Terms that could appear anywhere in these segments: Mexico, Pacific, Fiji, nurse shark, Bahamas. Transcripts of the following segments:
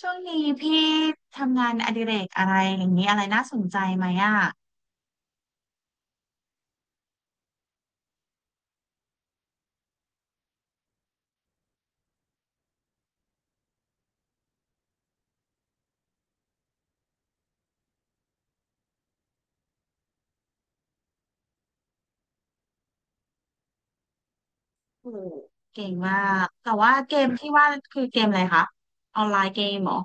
ช่วงนี้พี่ทำงานอดิเรกอะไรอย่างนี้อะไรน่าสนใจไหมอ่ะโอ้โหเก่งมากแต่ว่าเกมที่ว่าคือเกมอะไรคะออนไลน์เกมเหรอ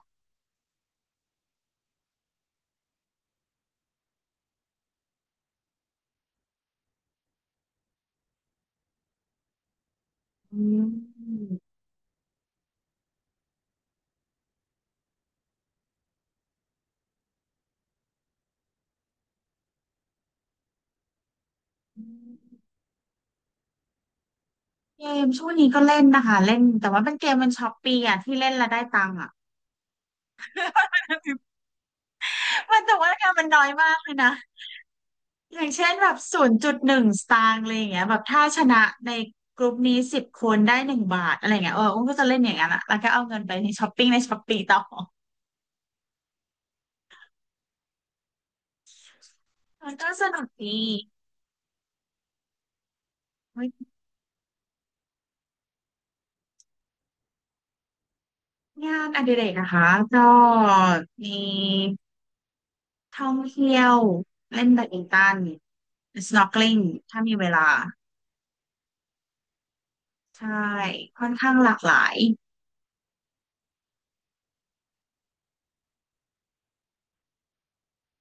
อืมเกมช่วงนี้ก็เล่นนะคะเล่นแต่ว่าเป็นเกมมันช้อปปี้อ่ะที่เล่นแล้วได้ตังค์อ่ะ มันแต่ว่างานมันน้อยมากเลยนะอย่างเช่นแบบ0.1 สตางค์อะไรอย่างเงี้ยแบบถ้าชนะในกลุ่มนี้10 คนได้1 บาทอะไรอย่างเงี้ยเอออุ้มก็จะเล่นอย่างนั้นอะแล้วก็เอาเงินไปในช้อปปิ้งในช้อปปี้ต่อ มันก็สนุกดีเว้ยงานอดิเรกนะคะก็มีท่องเที่ยวเล่นแบดมินตัน snorkeling ถ้ามีเวลาใช่ค่อนข้างหลากหลาย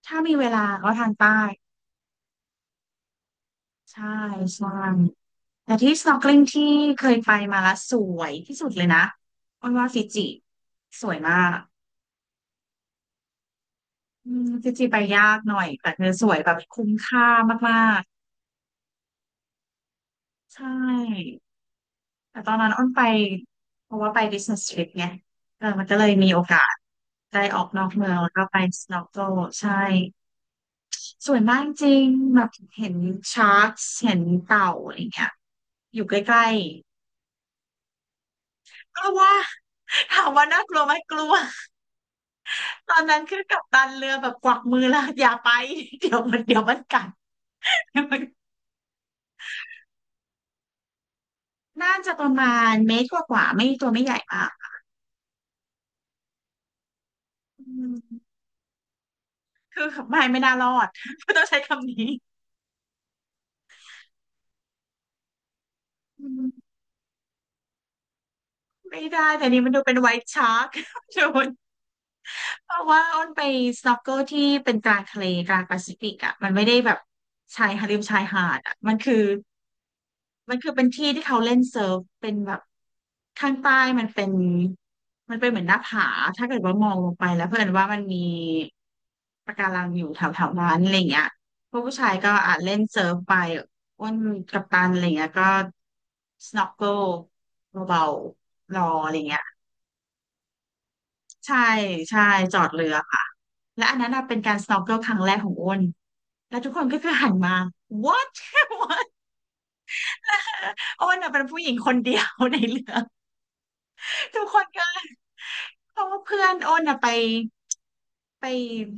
ถ้ามีเวลาก็ทางใต้ ใช่ใช่แต่ที่ snorkeling ที่เคยไปมาแล้วสวยที่สุดเลยนะอ้อนว่าฟิจิ สวยมากอืมฟิจิไปยากหน่อย แต่คือสวยแบบคุ้มค่ามากๆใช่ แต่ตอนนั้นอ้นไปเพราะว่าไป business trip ไงเออมันก็เลยมีโอกาสได้ออกนอกเมืองแล้วก็ไป snorkel ใช่สวยมากจริงแบบเห็นชาร์กเห็นเต่าอะไรเงี้ยอยู่ใกล้ๆกลัวถามว่าน่ากลัวไหมกลัวตอนนั้นคือกัปตันเรือแบบกวักมือแล้วอย่าไปเดี๋ยวมัน เดี๋ยวมันกัดน่าจะประมาณเมตรกว่าๆไม่ตัวไม่ใหญ่มากอืมคือไม่น่ารอด ต้องใช้คำนี้อืม ไม่ได้แต่นี่มันดูเป็นไวท์ชาร์ก โดน เพราะว่าอ้นไปสน็อกเกิลที่เป็นกลางทะเลกลางแปซิฟิกอ่ะมันไม่ได้แบบชายหาดริมชายหาดอ่ะมันคือเป็นที่ที่เขาเล่นเซิร์ฟเป็นแบบข้างใต้มันเป็นมันเป็นเหมือนหน้าผาถ้าเกิดว่ามองลงไปแล้วเพื่อนว่ามันมีปะการังอยู่แถวแถวนั้นอะไรเงี้ยพวกผู้ชายก็อาจเล่นเซิร์ฟไปอ้วนกัปตันอะไรเงี้ยก็สโนว์ l เบาๆรออะไรเงี้ย ใช่ใช่จอดเรือค่ะและอันนั้นน่ะเป็นการ snorkel ครั้งแรกของอ้นแล้วทุกคนก็คือหันมา what what อ้นน่ะเป็นผู้หญิงคนเดียวในเรือทุกคนก็เพราะว่าเพื่อนอ้นน่ะไป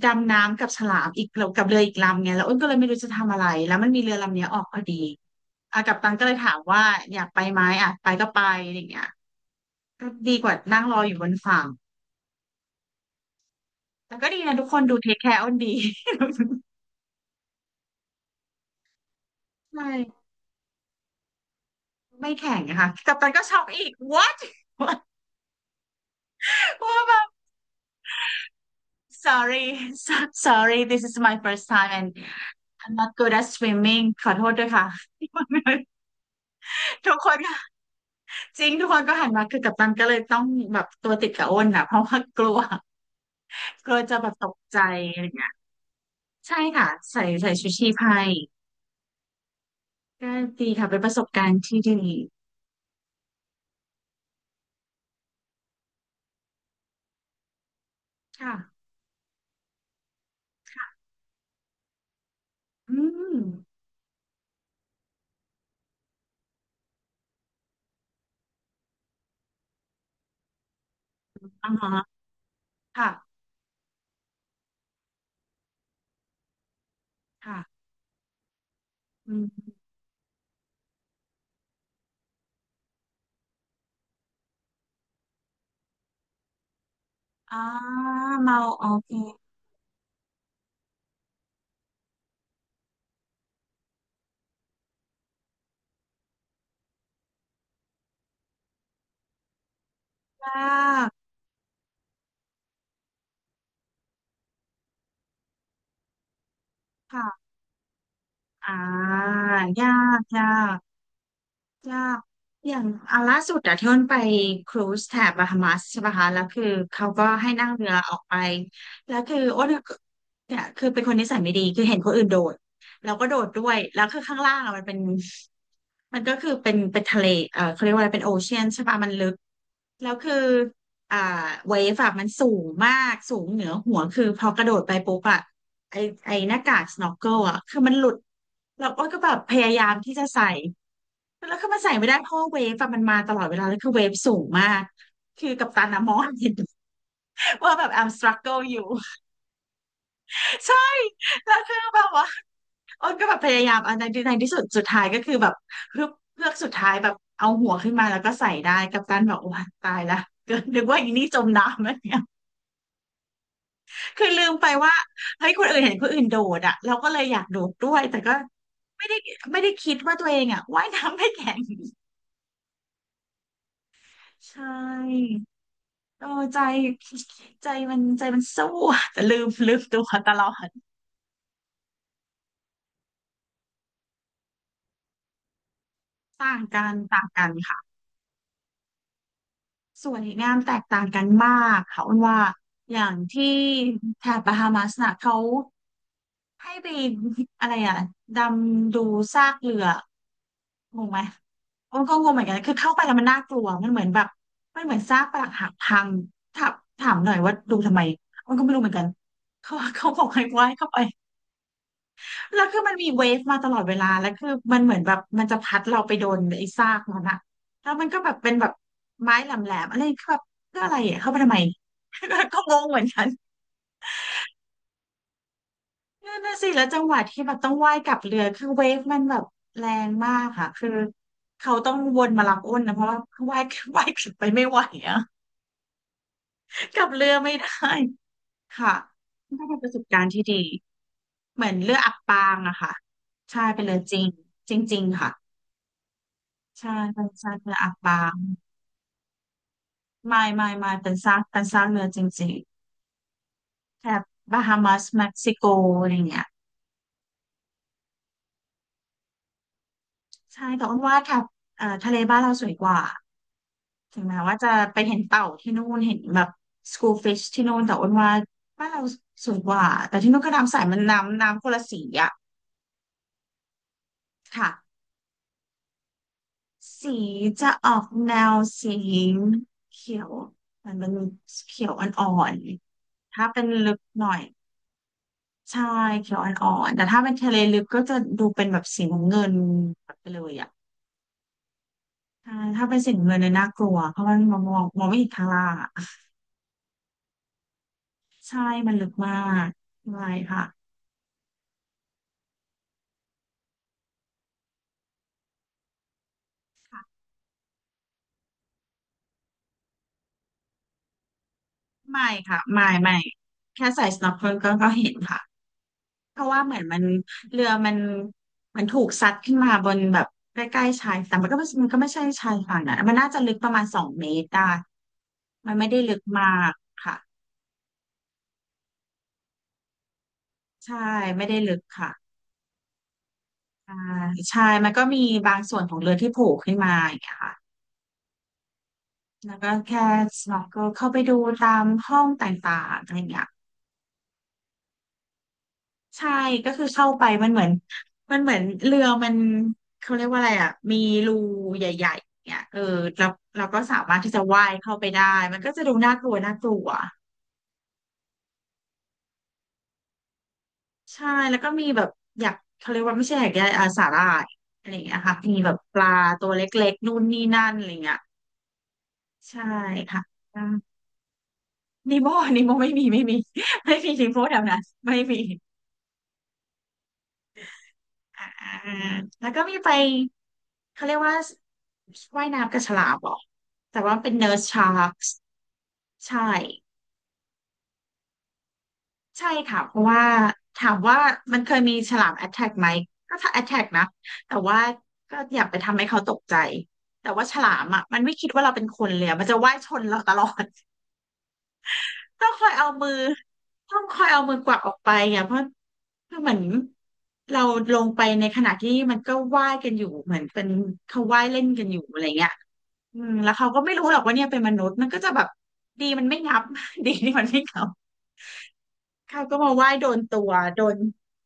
ดำน้ำกับฉลามอีกกับเรืออีกลำไงแล้วอ้นก็เลยไม่รู้จะทำอะไรแล้วมันมีเรือลำเนี้ยออกพอดีอ่ะกัปตันก็เลยถามว่าอยากไปไหมอ่ะไปก็ไปอะไรอย่างเงี้ยก็ดีกว่านั่งรออยู่บนฝั่งแต่ก็ดีนะทุกคนดูเทคแคร์อ้นดี ใช่ ไม่แข็งนะคะกัปตันก็ช็อกอีก what ว่าแบบ sorry sorry this is my first time and I'm not good at swimming ขอโทษด้วยค่ะ ทุกคนค่ะจริงทุกคนก็หันมาคือกัปตันก็เลยต้องแบบตัวติดกับอ้นอ่ะเพราะว่ากลัวกลัวจะแบบตกใจอะไรเงี้ยใช่ค่ะใส่ชูชีพให้ก็ดีค่ะเป็นประสบการณ์ที่ดีค่ะอืมอ่าฮะค่ะค่ะอืมอ่าเมาโอเคค่ะ อ่า ยากยากยากอย่างอันล่าสุดอะที่อ้นไปครูซแถบบาฮามัสใช่ปะคะแล้วคือเขาก็ให้นั่งเรือออกไป แล้วคืออ้นอะเนี่ยคือเป็นคนนิสัยไม่ดีคือเห็นคนอื่นโดดเราก็โดดด้วย แล้วคือข้างล่างอะมันเป็น มันก็คือเป็นทะเลเออเขาเรียกว่าอะไรเป็นโอเชียนใช่ปะมันลึก แล้วคืออ่าเวฟอะมันสูงมาก สูงเหนือหัวคือพอกระโดดไปปุ๊บอะไอไอหน้ากากสโนว์เกิลอะคือมันหลุดแล้วอ้อยก็แบบพยายามที่จะใส่ แล้วคือมันใส่ไม่ได้เพราะว่าเวฟอะมันมาตลอดเวลา แล้วคือเวฟสูงมาก คือกัปตันอะมองเห็น ว่าแบบ I'm struggle อยู่ ใช่ แล้วคือแบบว่า อ้นก็แบบพยายามอันในที่สุดสุดท้ายก็คือแบบเพือกสุดท้ายแบบเอาหัวขึ้นมาแล้วก็ใส่ได้กัปตันแบบโอ้ยตายละ เก็นึกว่าอีนี่จมน้ำอะไรเงี้ยคือลืมไปว่าเฮ้ยคนอื่นเห็นคนอื่นโดดอ่ะเราก็เลยอยากโดดด้วยแต่ก็ไม่ได้ไม่ได้คิดว่าตัวเองอ่ะว่ายน้ำไม่แข็งใช่โอ้ใจใจมันใจมันสู้แต่ลืมตัวตลอดต่างกันต่างกันค่ะ สวยงามแตกต่างกันมากค่ะอ้นว่าอย่างที่แถบบาฮามาสน่ะเขาให้ไปอะไรอ่ะดำดูซากเรืองงไหมอ้นก็งงเหมือนกันคือเข้าไปแล้วมันน่ากลัวมันเหมือนแบบมันเหมือนซากปรักหักพังถามถามหน่อยว่าดูทำไมอ้นก็ไม่รู้เหมือนกันเขาบอกให้ว่าให้เข้าไป แล้วคือมันมีเวฟมาตลอดเวลาแล้วคือมันเหมือนแบบมันจะพัดเราไปโดนไอ้ซากมันอะแล้วมันก็แบบเป็นแบบไม้แหลมๆอะไรคือแบบเพื่ออะไรอะเข้าไปทำไม ก็งงเหมือนกันนั่นน่ะสิแล้วจังหวะที่แบบต้องว่ายกลับเรือคือเวฟมันแบบแรงมากค่ะคือเขาต้องวนมารับอ้นนะเพราะว่าว่าย ว่ายกลับไปไม่ไหวอะกลับเรือไม่ได้ค่ะันก็เป็นประสบการณ์ที่ดี เหมือนเรืออับปางอะค่ะใช่เป็นเรือจริงจริงๆค่ะ ใช่เป็นซากเรืออับปางไม่เป็นซากเป็นซากเรือจริงๆแถบบาฮามัสเม็กซิโกอะไรเงี้ยใช่แต่อ้นว่าแถบทะเลบ้านเราสวยกว่าถึงแม้ว่าจะไปเห็นเต่าที่นู่นเห็นแบบสกูฟิชที่นู่นแต่อ้นว่าบ้านเราสวยกว่าแต่ที่นู่นก็น้ำใสมันน้ำน้ำคนละสีอะค่ะสีจะออกแนวสีเขียวมันเป็นเขียวอ่อนๆถ้าเป็นลึกหน่อย ใช่เขียวอ่อนๆแต่ถ้าเป็นทะเลลึกก็จะดูเป็นแบบสีน้ำเงินแบบไปเลยอ่ะใช่ถ้าเป็นสีน้ำเงินเนี่ยน่ากลัวเพราะมันมองไม่เห็นข้างล่างอะใช่มันลึกมากไม่ค่ะไม่ค่ะไม่ไม่แค่ใส่ snorkel ก็ก็เห็นค่ะเพราะว่าเหมือนเรือมันถูกซัดขึ้นมาบนแบบใกล้ๆชายแต่งมันก็ไม่มันก็ไม่ใช่ชายฝั่งนะมันน่าจะลึกประมาณสองเมตรได้มันไม่ได้ลึกมากค่ะใช่ไม่ได้ลึกค่ะ อ่าใช่มันก็มีบางส่วนของเรือที่โผล่ขึ้นมาอย่างเงี้ยค่ะแล้วก็แค่ snorkel เข้าไปดูตามห้องต่างๆอะไรเงี้ยใช่ก็คือเข้าไปมันเหมือนเรือมันเขาเรียกว่าอะไรอ่ะมีรูใหญ่ๆเนี่ยเออแล้วเราก็สามารถที่จะว่ายเข้าไปได้มันก็จะดูน่ากลัวน่ากลัวใช่แล้วก็มีแบบอยากเขาเรียกว่าไม่ใช่อยากได้อาสาหร่ายอะไรอย่างเงี้ยค่ะมีแบบปลาตัวเล็กๆนู่นนี่นั่นอะไรเงี้ยใช่ค่ะ นิโมนิโม ไม่มีไม่มีนิโมแถวนั้นไม่มีอ่าแล้วก็มีไปเขาเรียกว่าว่ายน้ำกับฉลามเหรอแต่ว่าเป็นเนิร์สชาร์กใช่ใช่ค่ะเพราะว่าถามว่ามันเคยมีฉลามแอทแทกไหมก็ถ้าแอทแทกนะแต่ว่าก็อยาไปทำให้เขาตกใจแต่ว่าฉลามอ่ะมันไม่คิดว่าเราเป็นคนเลยอะมันจะว่ายชนเราตลอด ต้องคอยเอามือต้องคอยเอามือกวักออกไปอ่ะเพราะเหมือนเราลงไปในขณะที่มันก็ว่ายกันอยู่เหมือนเป็นเขาว่ายเล่นกันอยู่อะไรเงี้ยอืมแล้วเขาก็ไม่รู้หรอกว่าเนี่ยเป็นมนุษย์มันก็จะแบบดีมันไม่งับ ดีที่มันไม่งับเขาก็มาว่ายโดนตัวโดน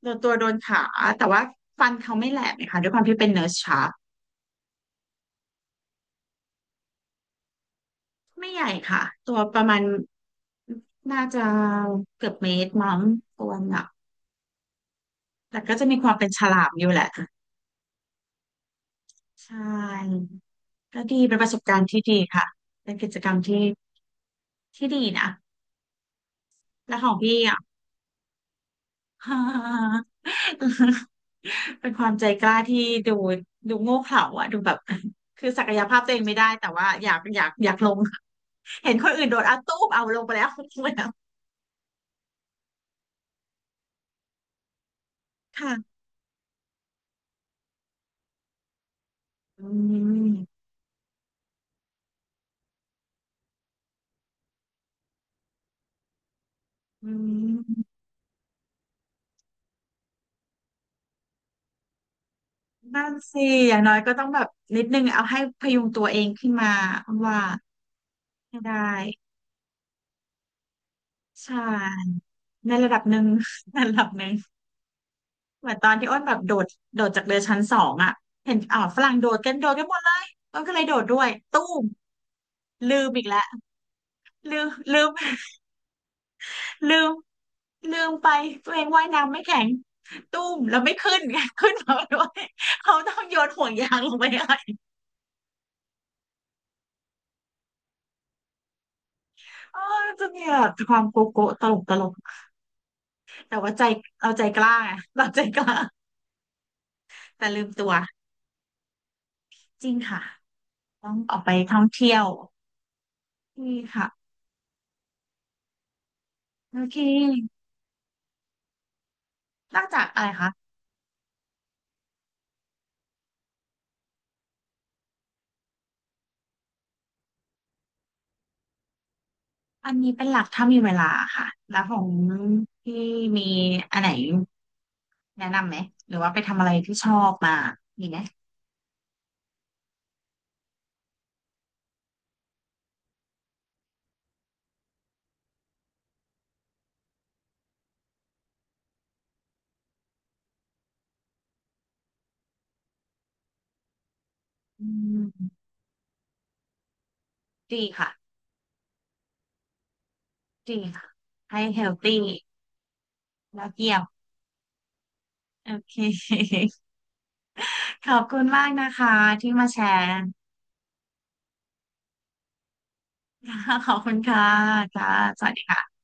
โดนตัวโดนขาแต่ว่าฟันเขาไม่แหลกเลยค่ะด้วยความที่เป็นเนิร์สชาร์กไม่ใหญ่ค่ะตัวประมาณน่าจะเกือบเมตรมั้งตัวหนักแต่ก็จะมีความเป็นฉลามอยู่แหละ ใช่ก็ดีเป็นประสบการณ์ที่ดีค่ะเป็นกิจกรรมที่ที่ดีนะแล้วของพี่อ่ะ เป็นความใจกล้าที่ดูดูโง่เขลาอ่ะดูแบบคือศักยภาพตัวเองไม่ได้แต่ว่าอยากลงเห็นคนอื่นโดดอ่ะตู้มเอาลงไปแล้ว ลงไปแล้วค่ะอืมอืมนั่นสิอย่างน้อยก็ต้องแบบนิดนึงเอาให้พยุงตัวเองขึ้นมาว่าให้ได้ใช่ในระดับหนึ่ง ในระดับหนึ่ง เหมือนตอนที่อ้นแบบโดดจากเรือชั้นสองอ่ะเห็นอ่าวฝรั่งโดดกันโดดกันหมดเลยอ้นก็เลยโดดด้วยตู้มลืมอีกแล้วลืมลืมลืมลืมไปตัวเองว่ายน้ำไม่แข็งตุ้มแล้วไม่ขึ้น ขึ้นมาด้วยเขาต้องโยนห่วงยางลงไปให้เออจะมีแบบความโกโก้ตลกตลกแต่ว่าใจเราใจกล้าไงเราใจกล้าแต่ลืมตัวจริงค่ะต้องออกไปท่องเที่ยวนี่ค่ะโอเคนอกจากอะไรคะ อันนี้เป็นหลักถ้ามีเวลาค่ะ แล้วของพี่มีอันไหนแนะนำไหม หรือว่าไปทำอะไรที่ชอบมามีไหมอืมดีค่ะดีค่ะให้เฮลตี้แล้วเกี่ยวโอเค ขอบคุณมากนะคะที่มาแชร์ ขอบคุณค่ะค่ะสวัสดีค่ะ